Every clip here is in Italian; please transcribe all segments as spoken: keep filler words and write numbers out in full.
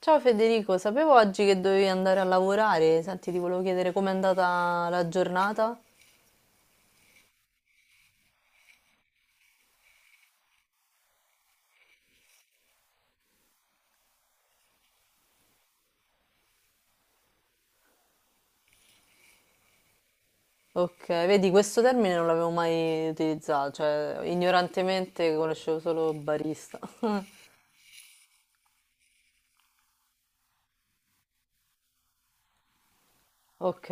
Ciao Federico, sapevo oggi che dovevi andare a lavorare. Senti, ti volevo chiedere com'è andata la giornata. Ok, vedi, questo termine non l'avevo mai utilizzato, cioè ignorantemente conoscevo solo barista. Ok,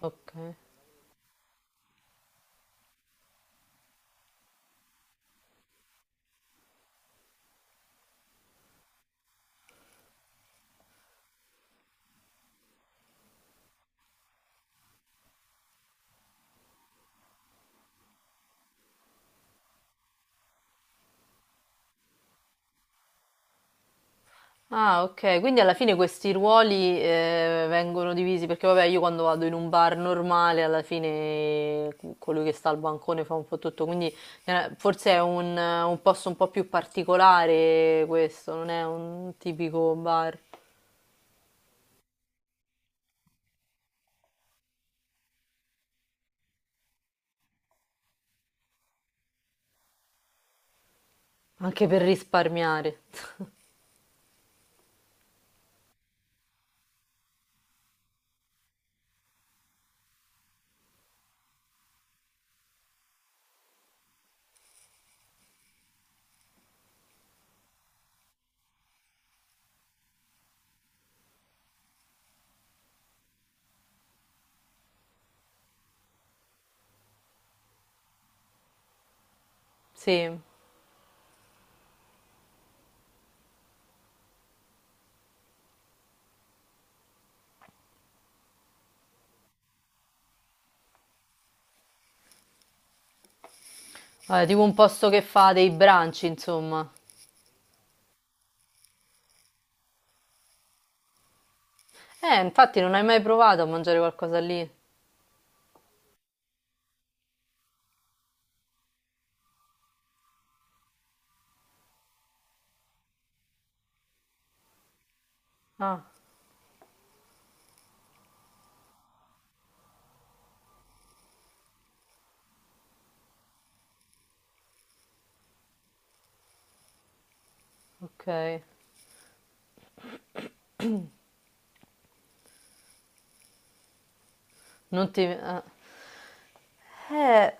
ok. Ah, okay. Quindi alla fine questi ruoli, ehm, vengono divisi perché vabbè io quando vado in un bar normale alla fine co- colui che sta al bancone fa un po' tutto, quindi eh, forse è un, un posto un po' più particolare questo, non è un tipico bar, anche per risparmiare. Sì, vabbè, tipo un posto che fa dei brunch, insomma. Eh, infatti non hai mai provato a mangiare qualcosa lì? Ah, ok. Non ti... ah. Eh,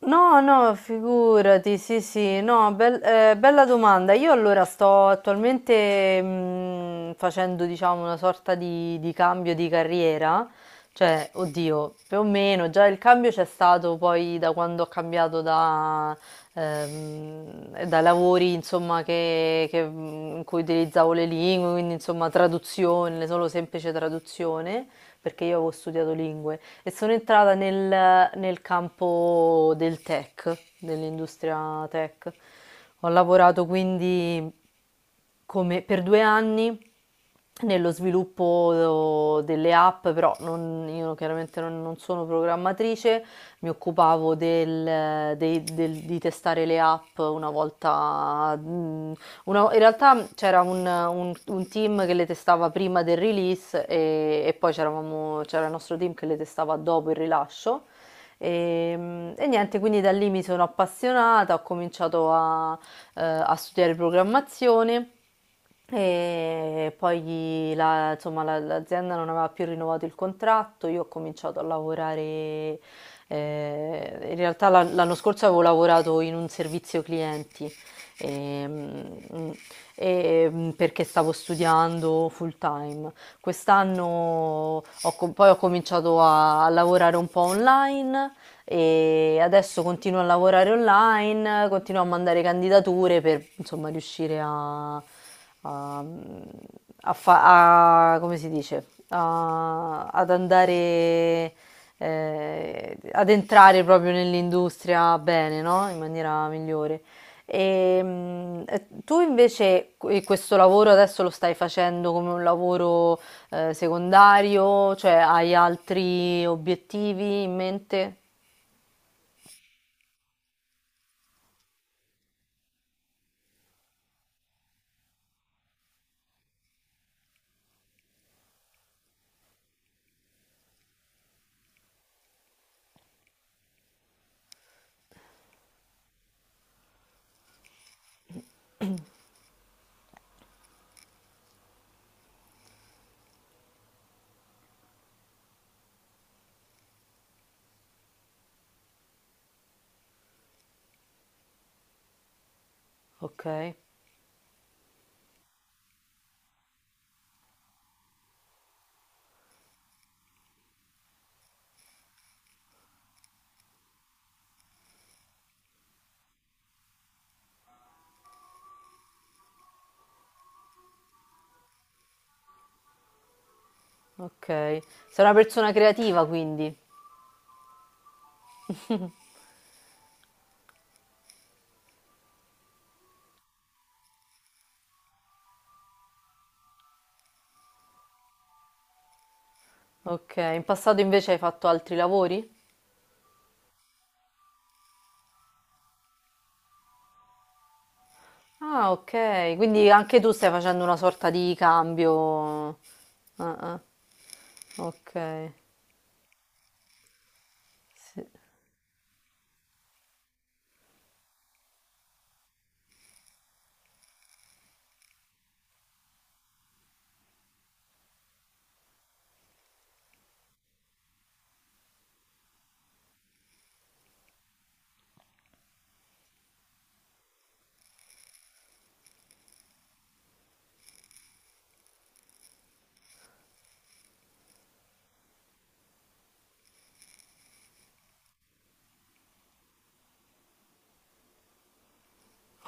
no, no, figurati, sì, sì, no, bel- eh, bella domanda. Io allora sto attualmente mh, facendo, diciamo, una sorta di, di cambio di carriera, cioè, oddio, più o meno, già il cambio c'è stato poi da quando ho cambiato da, ehm, da lavori, insomma, che, che, mh, in cui utilizzavo le lingue, quindi, insomma, traduzione, solo semplice traduzione perché io avevo studiato lingue e sono entrata nel, nel campo del tech, dell'industria tech. Ho lavorato quindi come- per due anni nello sviluppo delle app, però non- io chiaramente non, non sono programmatrice, mi occupavo del- dei- del- di testare le app una volta mh, una- in realtà c'era un, un- un team che le testava prima del release e, e poi c'eravamo- c'era il nostro team che le testava dopo il rilascio. E, e niente, quindi da lì mi sono appassionata, ho cominciato a, eh, a studiare programmazione. E poi la- insomma, la- l'azienda non aveva più rinnovato il contratto, io ho cominciato a lavorare, eh, in realtà l'an- l'anno scorso avevo lavorato in un servizio clienti ehm, e, perché stavo studiando full time. Quest'anno ho co- poi ho cominciato a, a lavorare un po' online e adesso continuo a lavorare online, continuo a mandare candidature per insomma riuscire a, a- a fa- a- come si dice? A- ad andare eh, ad entrare proprio nell'industria bene, no? In maniera migliore. Ehm, eh, tu invece que- questo lavoro adesso lo stai facendo come un lavoro eh, secondario, cioè hai altri obiettivi in mente? Ok, ok. Sei una persona creativa quindi. Ok, in passato invece hai fatto altri lavori? Ah, ok, quindi anche tu stai facendo una sorta di cambio. Ah, ah, ok. Sì.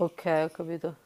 Ok, ho capito.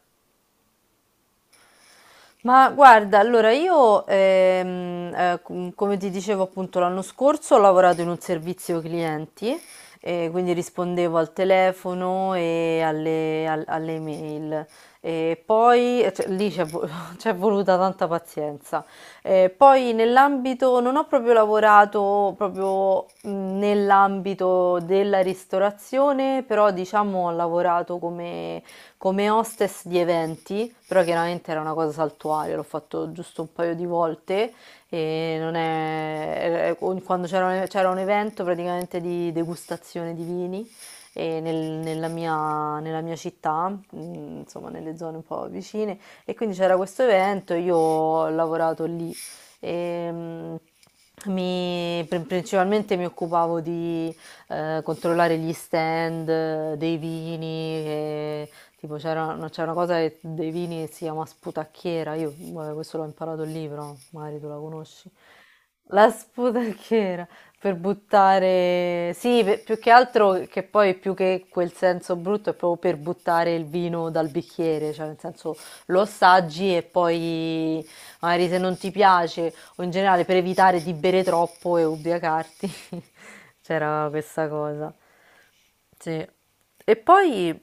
Ma guarda, allora io, ehm, eh, com- come ti dicevo appunto l'anno scorso, ho lavorato in un servizio clienti, eh, quindi rispondevo al telefono e alle, al- alle email. E poi, eh, cioè, lì c'è vo- c'è voluta tanta pazienza. Eh, poi nell'ambito, non ho proprio lavorato proprio mh, nell'ambito della ristorazione, però diciamo ho lavorato come come hostess di eventi, però chiaramente era una cosa saltuaria, l'ho fatto giusto un paio di volte e non è... eh, quando c'era un, c'era un evento praticamente di degustazione di vini e nel- nella mia, nella mia città, mh, insomma nelle zone un po' vicine, e quindi c'era questo evento, io ho lavorato lì. E, mh, mi- pr- Principalmente mi occupavo di eh, controllare gli stand eh, dei vini, e tipo c'era una, c'è una cosa che- dei vini che si chiama sputacchiera, io vabbè, questo l'ho imparato al libro, magari tu la conosci. La sputacchiera per buttare, sì, pe- più che altro che poi più che quel senso brutto è proprio per buttare il vino dal bicchiere, cioè nel senso lo assaggi e poi magari se non ti piace o in generale per evitare di bere troppo e ubriacarti, c'era questa cosa. Sì. E poi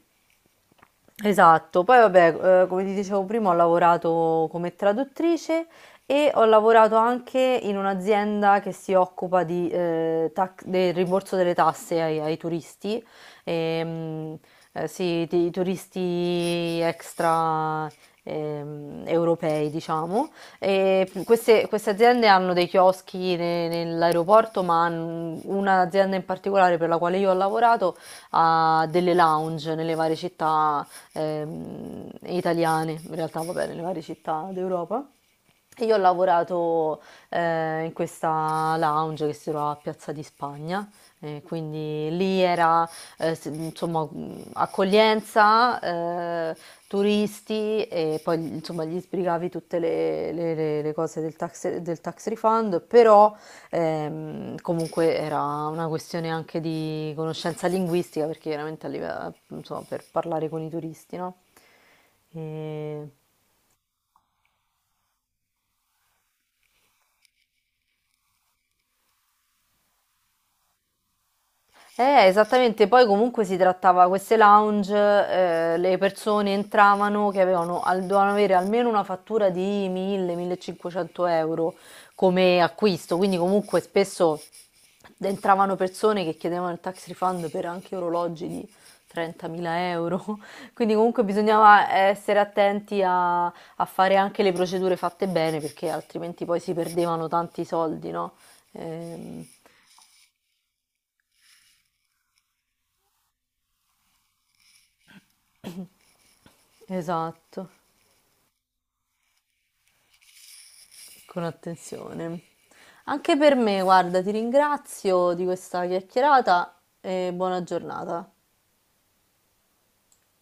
esatto, poi vabbè, eh, come ti dicevo prima, ho lavorato come traduttrice e ho lavorato anche in un'azienda che si occupa di, eh, tac- del rimborso delle tasse ai, ai turisti, ehm, eh, sì, di- i turisti extra ehm, europei, diciamo. E queste, queste aziende hanno dei chioschi ne- nell'aeroporto, ma hanno- un'azienda in particolare per la quale io ho lavorato ha delle lounge nelle varie città ehm, italiane, in realtà va bene, nelle varie città d'Europa. E io ho lavorato eh, in questa lounge che si trova a Piazza di Spagna, eh, quindi lì era eh, s- insomma, mh, accoglienza, eh, turisti e poi insomma, gli sbrigavi tutte le, le- le- le cose del tax, del tax refund, però ehm, comunque era una questione anche di conoscenza linguistica perché chiaramente a live- insomma, per parlare con i turisti, no? E- eh, esattamente, poi comunque si trattava queste lounge, eh, le persone entravano che avevano, al- dovevano avere almeno una fattura di mille-millecinquecento euro come acquisto, quindi comunque spesso entravano persone che chiedevano il tax refund per anche orologi di trentamila euro, quindi comunque bisognava essere attenti a, a fare anche le procedure fatte bene perché altrimenti poi si perdevano tanti soldi, no? Ehm, esatto. Con attenzione. Anche per me, guarda, ti ringrazio di questa chiacchierata e buona giornata.